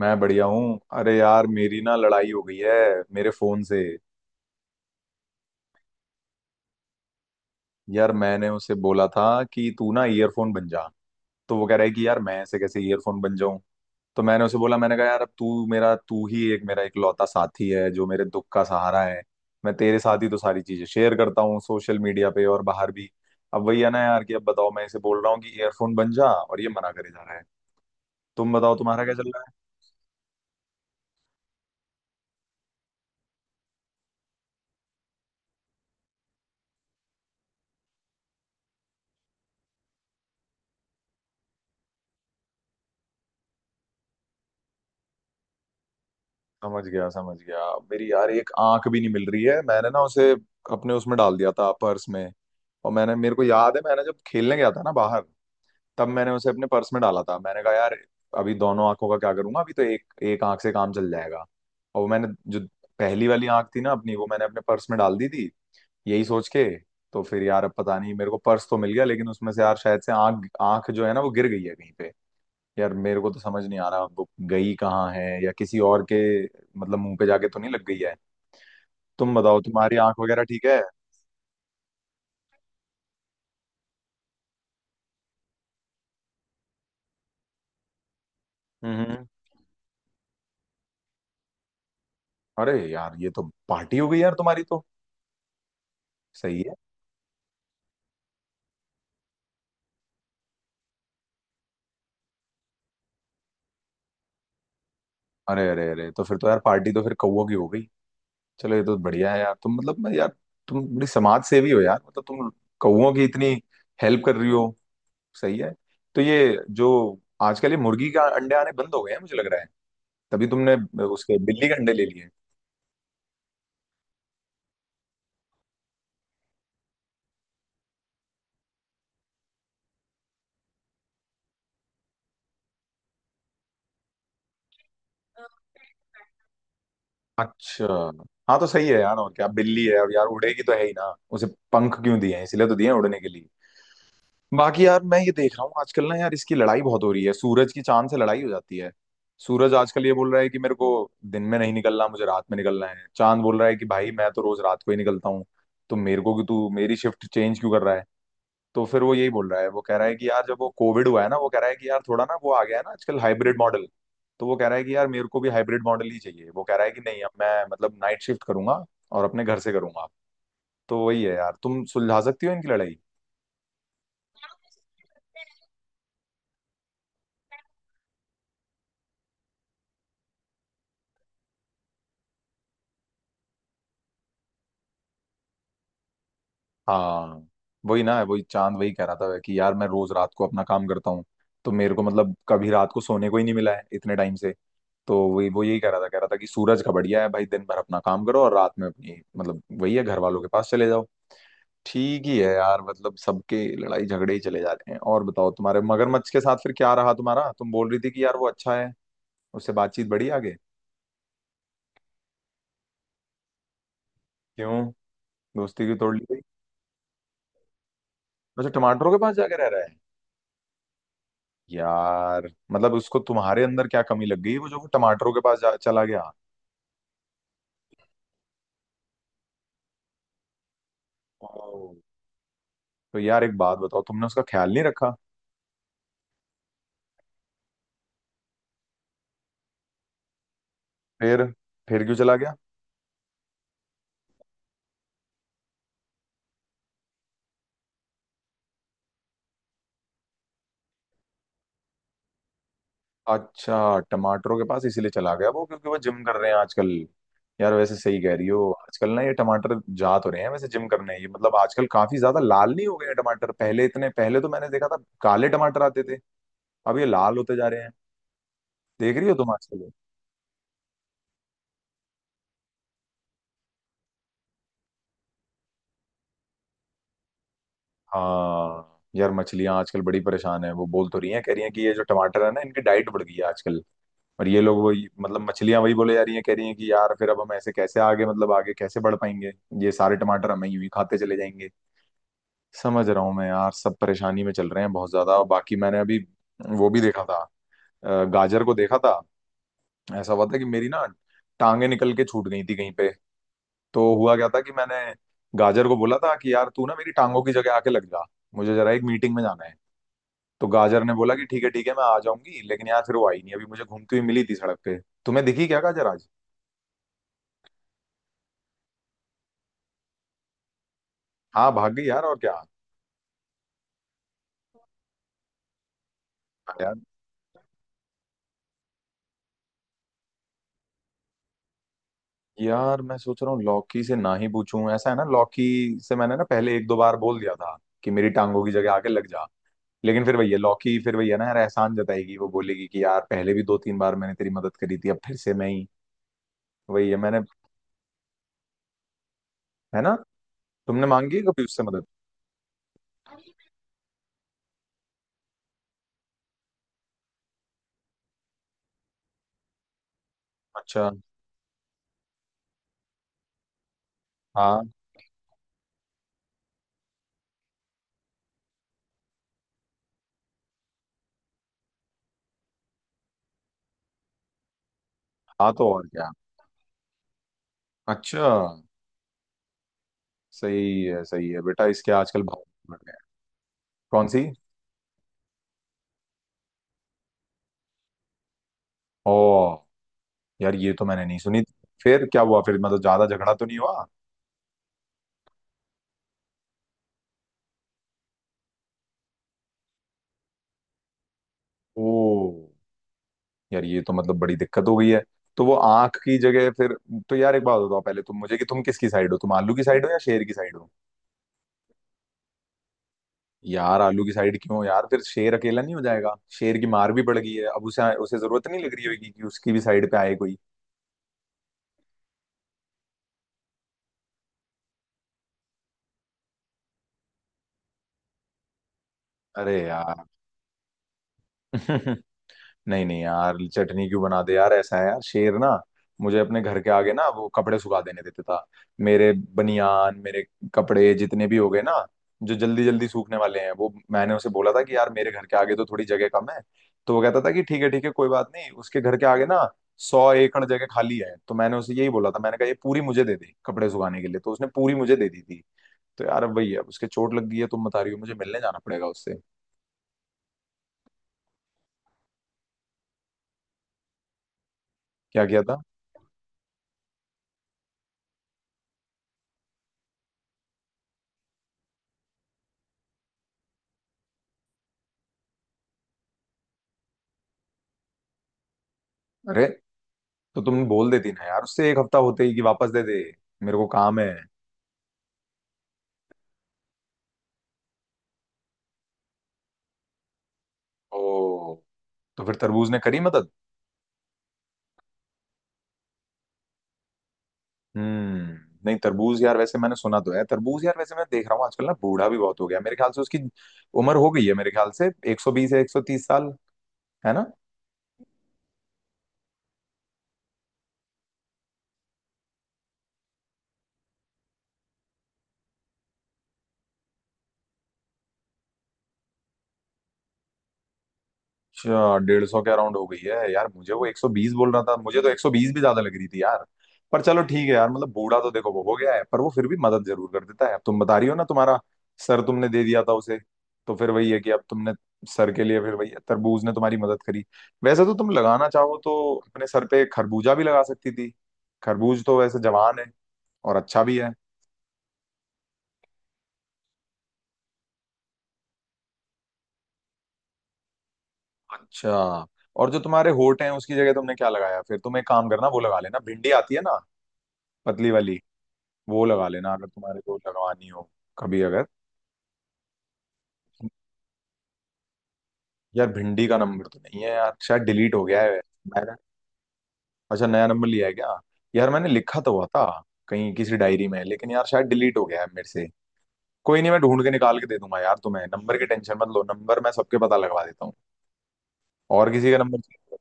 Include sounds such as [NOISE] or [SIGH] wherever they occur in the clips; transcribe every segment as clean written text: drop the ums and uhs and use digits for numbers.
मैं बढ़िया हूँ। अरे यार, मेरी ना लड़ाई हो गई है मेरे फोन से। यार, मैंने उसे बोला था कि तू ना ईयरफोन बन जा। तो वो कह रहा है कि यार मैं ऐसे कैसे ईयरफोन बन जाऊं। तो मैंने उसे बोला, मैंने कहा यार, अब तू ही एक मेरा इकलौता साथी है जो मेरे दुख का सहारा है। मैं तेरे साथ ही तो सारी चीजें शेयर करता हूँ सोशल मीडिया पे और बाहर भी। अब वही है ना यार कि अब बताओ, मैं इसे बोल रहा हूँ कि ईयरफोन बन जा और ये मना करे जा रहा है। तुम बताओ, तुम्हारा क्या चल रहा है? समझ गया समझ गया। मेरी यार एक आंख भी नहीं मिल रही है। मैंने ना उसे अपने उसमें डाल दिया था, पर्स में। और मैंने, मेरे को याद है, मैंने जब खेलने गया था ना बाहर, तब मैंने उसे अपने पर्स में डाला था। मैंने कहा यार, अभी दोनों आंखों का क्या करूंगा, अभी तो एक एक आंख से काम चल जाएगा। और वो मैंने जो पहली वाली आंख थी ना अपनी, वो मैंने अपने पर्स में डाल दी थी, यही सोच के। तो फिर यार, अब पता नहीं, मेरे को पर्स तो मिल गया लेकिन उसमें से यार शायद से आंख आंख जो है ना वो गिर गई है कहीं पे। यार मेरे को तो समझ नहीं आ रहा बुक गई कहाँ है या किसी और के, मतलब मुंह पे जाके तो नहीं लग गई है। तुम बताओ, तुम्हारी आंख वगैरह ठीक है? हम्म। अरे यार, ये तो पार्टी हो गई यार तुम्हारी तो। सही है। अरे अरे अरे, तो फिर तो यार पार्टी तो फिर कौवों की हो गई। चलो, ये तो बढ़िया है यार, तुम मतलब यार तुम बड़ी समाज सेवी हो यार, मतलब तुम कौवों की इतनी हेल्प कर रही हो। सही है। तो ये जो आजकल ये मुर्गी का अंडे आने बंद हो गए हैं, मुझे लग रहा है तभी तुमने उसके बिल्ली के अंडे ले लिए। अच्छा। हाँ तो सही है यार, और क्या, बिल्ली है और यार उड़ेगी तो है ही ना। उसे पंख क्यों दिए हैं, इसलिए तो दिए हैं उड़ने के लिए। बाकी यार, मैं ये देख रहा हूँ आजकल ना यार, इसकी लड़ाई बहुत हो रही है, सूरज की चांद से लड़ाई हो जाती है। सूरज आजकल ये बोल रहा है कि मेरे को दिन में नहीं निकलना, मुझे रात में निकलना है। चांद बोल रहा है कि भाई मैं तो रोज रात को ही निकलता हूँ, तो मेरे को कि तू मेरी शिफ्ट चेंज क्यों कर रहा है। तो फिर वो यही बोल रहा है, वो कह रहा है कि यार जब वो कोविड हुआ है ना, वो कह रहा है कि यार थोड़ा ना वो आ गया है ना आजकल हाइब्रिड मॉडल, तो वो कह रहा है कि यार मेरे को भी हाइब्रिड मॉडल ही चाहिए। वो कह रहा है कि नहीं, अब मैं मतलब नाइट शिफ्ट करूंगा और अपने घर से करूंगा। तो वही है यार, तुम सुलझा सकती हो इनकी लड़ाई। हाँ। वही ना, वही चांद वही कह रहा था कि यार मैं रोज रात को अपना काम करता हूँ, तो मेरे को मतलब कभी रात को सोने को ही नहीं मिला है इतने टाइम से। तो वही वो यही कह रहा था, कह रहा था कि सूरज का बढ़िया है भाई, दिन भर अपना काम करो और रात में अपनी मतलब वही है घर वालों के पास चले जाओ। ठीक ही है यार, मतलब सबके लड़ाई झगड़े ही चले जाते हैं। और बताओ, तुम्हारे मगरमच्छ के साथ फिर क्या रहा तुम्हारा, तुम बोल रही थी कि यार वो अच्छा है, उससे बातचीत बढ़ी आगे? क्यों? दोस्ती की तोड़ ली गई? अच्छा, टमाटरों के पास जाके रह रहा है? यार मतलब उसको तुम्हारे अंदर क्या कमी लग गई वो जो वो टमाटरों के पास चला गया। ओह। तो यार एक बात बताओ, तुमने उसका ख्याल नहीं रखा? फिर, क्यों चला गया? अच्छा, टमाटरों के पास इसीलिए चला गया वो, क्योंकि वो जिम कर रहे हैं आजकल? यार वैसे सही कह रही हो, आजकल ना ये टमाटर जा तो रहे हैं वैसे जिम करने, ये मतलब आजकल काफी ज्यादा लाल नहीं हो गए हैं टमाटर, पहले इतने, पहले तो मैंने देखा था काले टमाटर आते थे, अब ये लाल होते जा रहे हैं। देख रही हो तुम आजकल? हाँ यार, मछलियां आजकल बड़ी परेशान है, वो बोल तो रही हैं, कह रही हैं कि ये जो टमाटर है ना इनकी डाइट बढ़ गई है आजकल। और ये लोग वही मतलब मछलियां वही बोले जा रही हैं, कह रही हैं कि यार फिर अब हम ऐसे कैसे आगे, मतलब आगे कैसे बढ़ पाएंगे, ये सारे टमाटर हम ही यूं ही खाते चले जाएंगे। समझ रहा हूँ मैं यार, सब परेशानी में चल रहे हैं बहुत ज्यादा। और बाकी मैंने अभी वो भी देखा था, गाजर को देखा था। ऐसा हुआ था कि मेरी ना टांगे निकल के छूट गई थी कहीं पे। तो हुआ क्या था कि मैंने गाजर को बोला था कि यार तू ना मेरी टांगों की जगह आके लग जा, मुझे जरा एक मीटिंग में जाना है। तो गाजर ने बोला कि ठीक है ठीक है, मैं आ जाऊंगी लेकिन यार फिर वो आई नहीं, अभी मुझे घूमती हुई मिली थी सड़क पे। तुम्हें दिखी क्या गाजर आज? हाँ भाग गई यार, और क्या। हाँ यार। यार मैं सोच रहा हूँ लौकी से ना ही पूछूं, ऐसा है ना, लौकी से मैंने ना पहले एक दो बार बोल दिया था कि मेरी टांगों की जगह आके लग जा, लेकिन फिर भैया लौकी फिर भैया ना यार एहसान जताएगी, वो बोलेगी कि यार पहले भी दो तीन बार मैंने तेरी मदद करी थी, अब फिर से मैं ही, वही है मैंने। है ना? तुमने मांगी है कभी उससे मदद? अच्छा। हाँ। हाँ तो और क्या। अच्छा। सही है सही है, बेटा इसके आजकल भाव बढ़ गए हैं। कौन सी? ओ, यार ये तो मैंने नहीं सुनी। फिर क्या हुआ, फिर मतलब ज्यादा झगड़ा तो नहीं हुआ? ओ, यार ये तो मतलब बड़ी दिक्कत हो गई है। तो वो आंख की जगह फिर? तो यार एक बात बताओ पहले तुम मुझे कि तुम किसकी साइड हो, तुम आलू की साइड हो या शेर की साइड हो? यार आलू की साइड क्यों यार, फिर शेर अकेला नहीं हो जाएगा। शेर की मार भी पड़ गई है, अब उसे उसे जरूरत नहीं लग रही होगी कि उसकी भी साइड पे आए कोई। अरे यार। [LAUGHS] नहीं नहीं यार, चटनी क्यों बना दे यार, ऐसा है यार, शेर ना मुझे अपने घर के आगे ना वो कपड़े सुखा देने देता था। मेरे बनियान, मेरे कपड़े जितने भी हो गए ना जो जल्दी जल्दी सूखने वाले हैं, वो मैंने उसे बोला था कि यार मेरे घर के आगे तो थोड़ी जगह कम है। तो वो कहता था कि ठीक है कोई बात नहीं, उसके घर के आगे ना 100 एकड़ जगह खाली है। तो मैंने उसे यही बोला, था मैंने कहा ये पूरी मुझे दे दे कपड़े सुखाने के लिए, तो उसने पूरी मुझे दे दी थी। तो यार अब वही है, अब उसके चोट लग गई है तुम बता रही हो, मुझे मिलने जाना पड़ेगा उससे। क्या किया था? अरे, तो तुम बोल देती ना यार उससे एक हफ्ता होते ही कि वापस दे दे, मेरे को काम है। ओ, तो फिर तरबूज ने करी मदद? हम्म। नहीं, तरबूज यार वैसे मैंने सुना तो है, तरबूज यार वैसे मैं देख रहा हूँ आजकल ना बूढ़ा भी बहुत हो गया मेरे ख्याल से, उसकी उम्र हो गई है मेरे ख्याल से 120 या 130 साल। है ना? अच्छा, 150 के अराउंड हो गई है यार, मुझे वो 120 बोल रहा था, मुझे तो 120 भी ज्यादा लग रही थी यार। पर चलो ठीक है यार, मतलब बूढ़ा तो देखो वो हो गया है पर वो फिर भी मदद जरूर कर देता है, अब तुम बता रही हो ना तुम्हारा सर तुमने दे दिया था उसे। तो फिर वही है कि अब तुमने सर के लिए फिर वही है, तरबूज ने तुम्हारी मदद करी। वैसे तो तुम लगाना चाहो तो अपने सर पे खरबूजा भी लगा सकती थी, खरबूज तो वैसे जवान है और अच्छा भी है। अच्छा। और जो तुम्हारे होठ हैं उसकी जगह तुमने क्या लगाया, फिर तुम एक काम करना, वो लगा लेना, भिंडी आती है ना पतली वाली, वो लगा लेना अगर तुम्हारे को लगवानी हो कभी अगर। यार भिंडी का नंबर तो नहीं है यार, शायद डिलीट हो गया है मैंने। अच्छा, नया नंबर लिया है क्या? यार मैंने लिखा तो हुआ था कहीं किसी डायरी में लेकिन यार शायद डिलीट हो गया है मेरे से। कोई नहीं, मैं ढूंढ के निकाल के दे दूंगा यार, तुम्हें नंबर की टेंशन मत लो, नंबर मैं सबके पता लगवा देता हूँ। और किसी का नंबर चाहिए?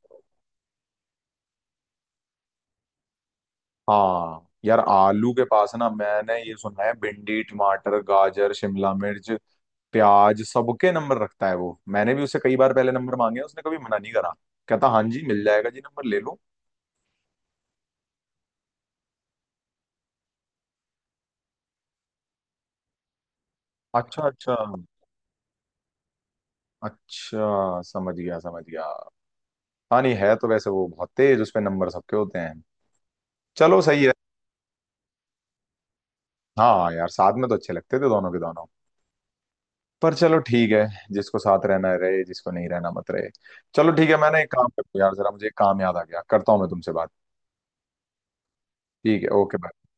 हाँ यार, आलू के पास ना मैंने ये सुना है भिंडी टमाटर गाजर शिमला मिर्च प्याज सबके नंबर रखता है वो, मैंने भी उसे कई बार पहले नंबर मांगे, उसने कभी मना नहीं करा, कहता हाँ जी मिल जाएगा जी, नंबर ले लो। अच्छा अच्छा, अच्छा समझ गया समझ गया। हाँ, नहीं है तो वैसे वो बहुत तेज, उसमें नंबर सबके होते हैं। चलो सही है। हाँ यार साथ में तो अच्छे लगते थे दोनों के दोनों। पर चलो ठीक है, जिसको साथ रहना है रहे, जिसको नहीं रहना मत रहे। चलो ठीक है, मैंने एक काम, करता हूँ यार जरा, मुझे एक काम याद आ गया, करता हूँ मैं तुमसे बात। ठीक है, ओके बाय।